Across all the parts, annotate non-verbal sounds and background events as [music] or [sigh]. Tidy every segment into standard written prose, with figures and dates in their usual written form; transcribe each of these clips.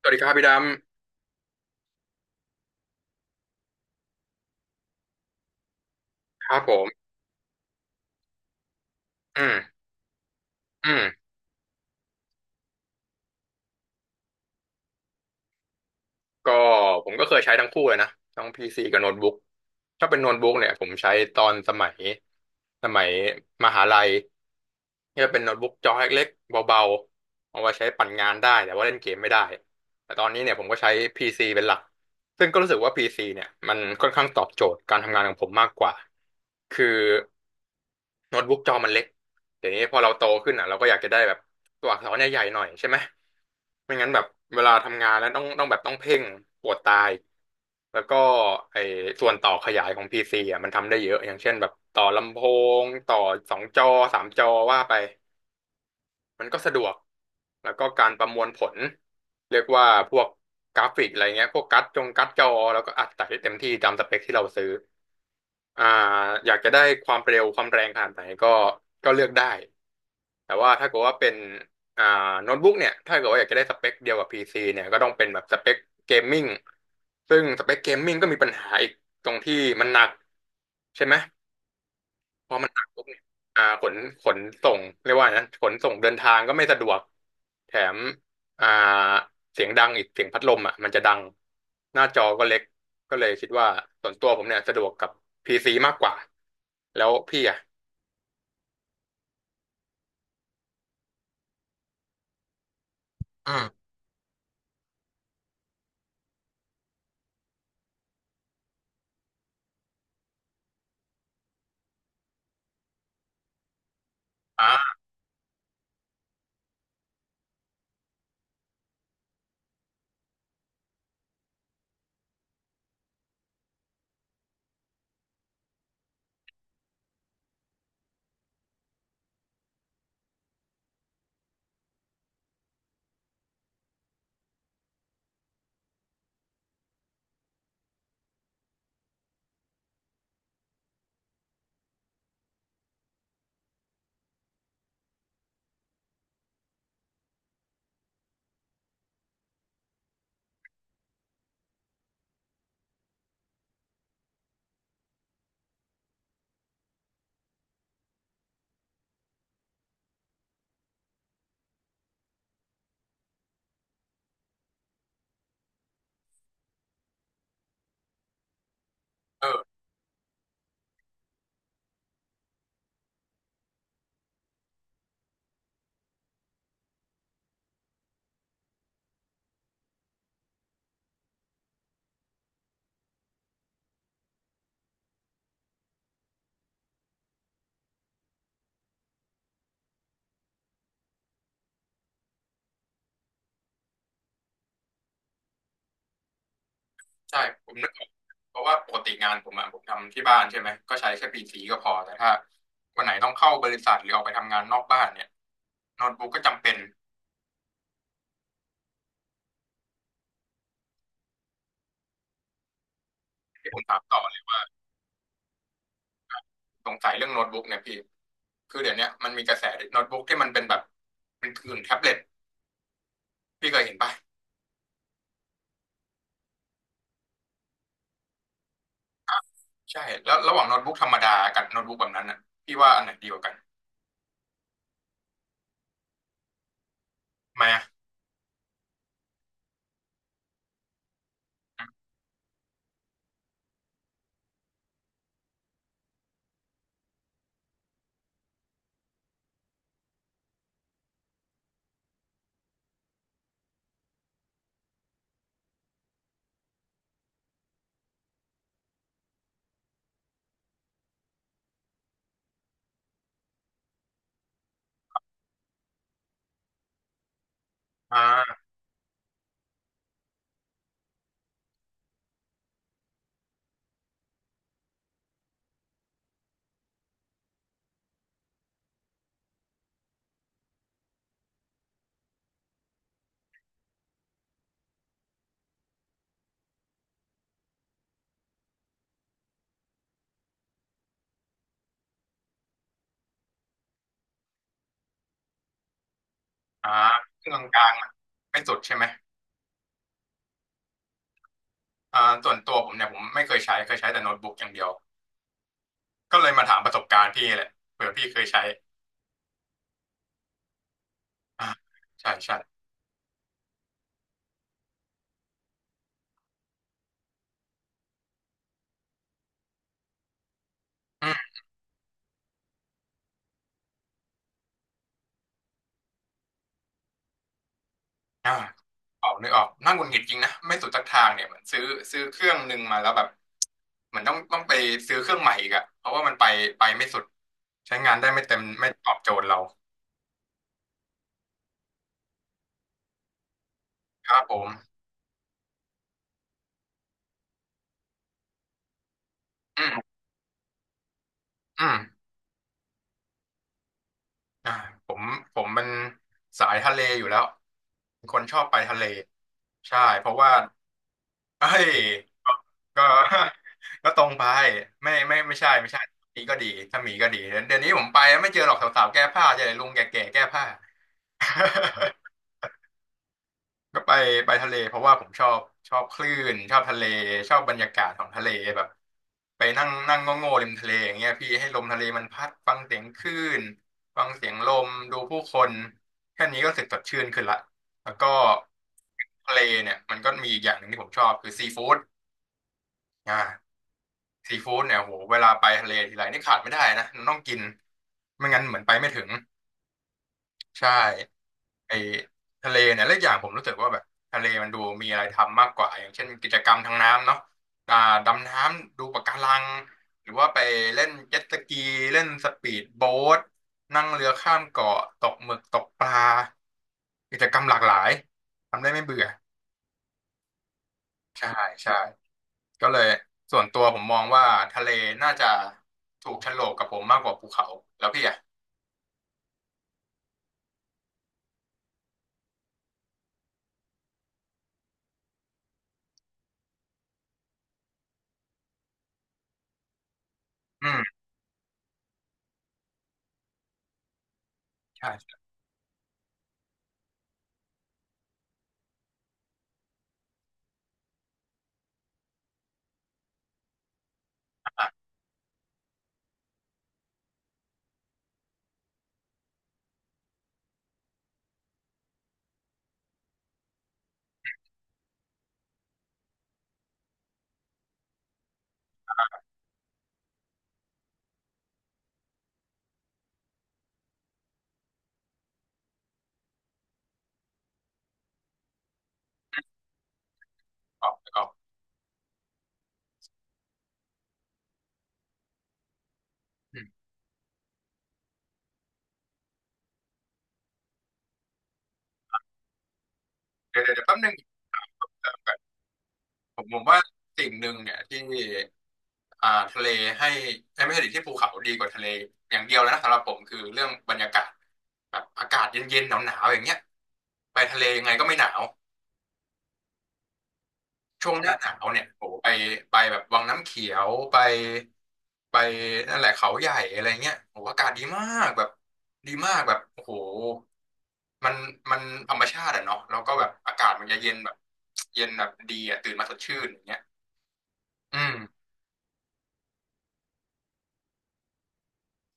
สวัสดีครับพี่ดำครับผมอืมอืมก็ผมก็เคยใช้ทั้งคู่เลยนะทั้งพีซีกับโน้ตบุ๊กถ้าเป็นโน้ตบุ๊กเนี่ยผมใช้ตอนสมัยสมัยมหาลัยก็จะเป็นโน้ตบุ๊กจอเล็กๆเบาๆเอาไว้ใช้ปั่นงานได้แต่ว่าเล่นเกมไม่ได้ แต่ตอนนี้เนี่ยผมก็ใช้พีซีเป็นหลัก ซึ่งก็รู้สึกว่าพีซีเนี่ยมันค่อนข้างตอบโจทย์การทำงานของผมมากกว่า คือโน้ตบุ๊กจอมันเล็กเดี๋ยวนี้พอเราโตขึ้นอ่ะเราก็อยากจะได้แบบ ตัวอักษรเนี่ยใหญ่หน่อยใช่ไหมไม่งั้นแบบเวลาทำงานแล้วต้องแบบต้องเพ่งปวดตาย แล้วก็ไอ้ส่วนต่อขยายของ PC อ่ะมันทำได้เยอะอย่างเช่นแบบต่อลำโพงต่อสองจอสามจอว่าไปมันก็สะดวกแล้วก็การประมวลผลเรียกว่าพวกกราฟิกอะไรเงี้ยพวกกัดจงกัดจอแล้วก็อัดใส่ได้เต็มที่ตามสเปคที่เราซื้อ อ่าอยากจะได้ความเร็วความแรงขนาดไหนก็เลือกได้แต่ว่าถ้าเกิดว่าเป็นอ่าโน้ตบุ๊กเนี่ยถ้าเกิดว่าอยากจะได้สเปคเดียวกับ PC เนี่ยก็ต้องเป็นแบบสเปคเกมมิ่งซึ่งสเปคเกมมิ่งก็มีปัญหาอีกตรงที่มันหนักใช่ไหม พอมันหนักปุ๊บเนี่ยขนขนส่งเรียกว่านะขนส่งเดินทางก็ไม่สะดวกแถมอ่าเสียงดังอีกเสียงพัดลมอ่ะมันจะดังหน้าจอก็เล็กก็เลยคิดว่าส่วนตัวผมเนี่ยสะดวกกับพีซีมากกว่าแล้วพี่อ่ะอืมอ่าเออใช่ผมนึกออกเพราะว่าปกติงานผมอ่ะผมทำที่บ้านใช่ไหมก็ใช้แค่พีซีก็พอแต่ถ้าวันไหนต้องเข้าบริษัทหรือออกไปทำงานนอกบ้านเนี่ยโน้ตบุ๊กก็จำเป็นที่ผมถามต่อ สงสัยเรื่องโน้ตบุ๊กเนี่ยพี่คือเดี๋ยวเนี้ยมันมีกระแสโน้ตบุ๊กที่มันเป็นแบบเป็นผื่นแท็บเล็ตพี่เคยเห็นป่ะใช่แล้วระหว่างโน้ตบุ๊กธรรมดากับโน้ตบุ๊กแบบนั้นอ่ะพี่ว่าอันไหนดีกว่ากันทำไมอ่ะอ่าอ่าเครื่องกลางๆอะไม่สุดใช่ไหมส่วนตัวผมเนี่ยผมไม่เคยใช้เคยใช้แต่โน้ตบุ๊กอย่างเดียวก็เลยมาถามประสบการณ์พี่แหละเผื่อพี่เคยใช้อ่าใช่ใช่ อ่าออกนึกออกน่าหงุดหงิดจริงนะไม่สุดสักทางเนี่ยเหมือนซื้อเครื่องหนึ่งมาแล้วแบบเหมือนต้องไปซื้อเครื่องใหม่อีกอะเพราะว่ามันไปไม่สุดใช้งานได้ไม่เต็มไม่ตอบโจทย์เราครับผมอืมอืมอ่าผมผมเป็นสายทะเลอยู่แล้วเป็นคนชอบไปทะเลใช่เพราะว่าเฮ้ยก็ [laughs] ก็ตรงไปไม่ไม่ไม่ใช่ไม่ใช่มีก็ดีถ้ามีก็ดีเดี๋ยวนี้ผมไปไม่เจอหรอกสาวๆแก้ผ้าเจอแต่ลุงแก่ๆแก้ผ้า ก็ไปไปทะเลเพราะว่าผมชอบชอบคลื่นชอบทะเลชอบบรรยากาศของทะเลแบบไปนั่งนั่งโง่ๆริมทะเลอย่างเงี้ยพี่ให้ลมทะเลมันพัดฟังเสียงคลื่นฟังเสียงลมดูผู้คนแค่นี้ก็รู้สึกสดชื่นขึ้นละแล้วก็ทะเลเนี่ยมันก็มีอีกอย่างหนึ่งที่ผมชอบคือซีฟู้ดอ่าซีฟู้ดเนี่ยโหเวลาไปทะเลทีไรนี่ขาดไม่ได้นะต้องกินไม่งั้นเหมือนไปไม่ถึงใช่ ไอ้ทะเลเนี่ยและอกอย่างผมรู้สึกว่าแบบทะเลมันดูมีอะไรทำมากกว่าอย่างเช่นกิจกรรมทางน้ำเนาะอ่าดำน้ำดูปะการังหรือว่าไปเล่นเจ็ตสกีเล่นสปีดโบ๊ทนั่งเรือข้ามเกาะตกหมึกตกปลากิจกรรมหลากหลายทำได้ไม่เบื่อใช่ใช่ก็เลยส่วนตัวผมมองว่าทะเลน่าจะถูกโฉลกกับผมมากกว่าภูเขาแล้วพี่อ่ะอืมใช่ใช่อ่ะออกออกอืมเดี๋ยวเดี๋ยวเดี๋ยวแป๊บนึง ผมผมว่าสิ่งหนึ่งเนี่ยที่ทะเลให้เอ้ยไม่ใช่ดิที่ภูเขาดีกว่าทะเลอย่างเดียวเลยนะสำหรับผมคือเรื่องบรรยากาศแบบอากาศเย็นๆหนาวๆอย่างเงี้ยไปทะเลยังไงก็ไม่หนาวช่วงหน้าหนาวเนี่ยโอ้โหไปไปแบบวังน้ำเขียวไปไปนั่นแหละเขาใหญ่อะไรเงี้ยโอ้โหอากาศดีมากแบบดีมากแบบโอ้โหมันมันธรรมชาติอะเนาะแล้วก็แบบอากาศมันจะเย็นแบบเย็นแบบดีอะตื่นมาสดชื่นอย่างเงี้ยอืม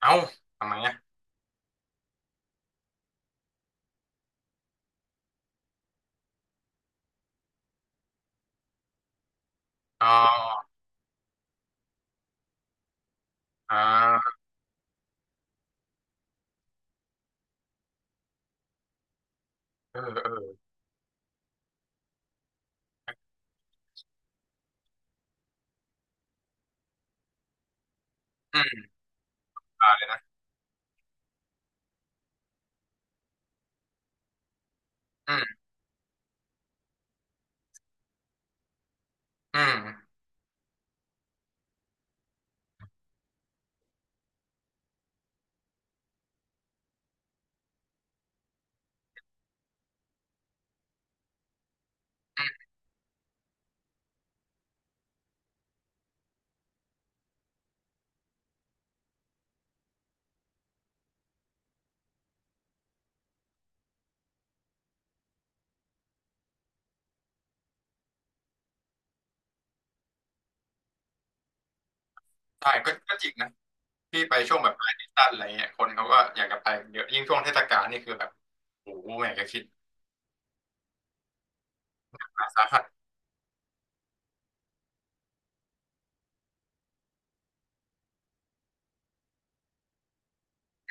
เอ้าทำไมอะ อ๋ออ่าเออเอออืมตายเลยนะอืมอืมอืมใช่ก็ก็จริงนะพี่ไปช่วงแบบปลายซีซั่นอะไรเงี้ยคนเขาก็อยากจะไปเยอะยิ่งช่วงเทศกาลนี่คือแบบโอ้โหอยากะคิดหาสาหัส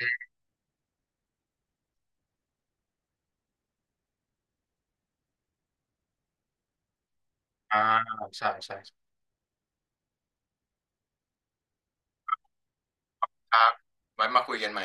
อืมอ่าใช่ใช่ครับไว้มาคุยกันใหม่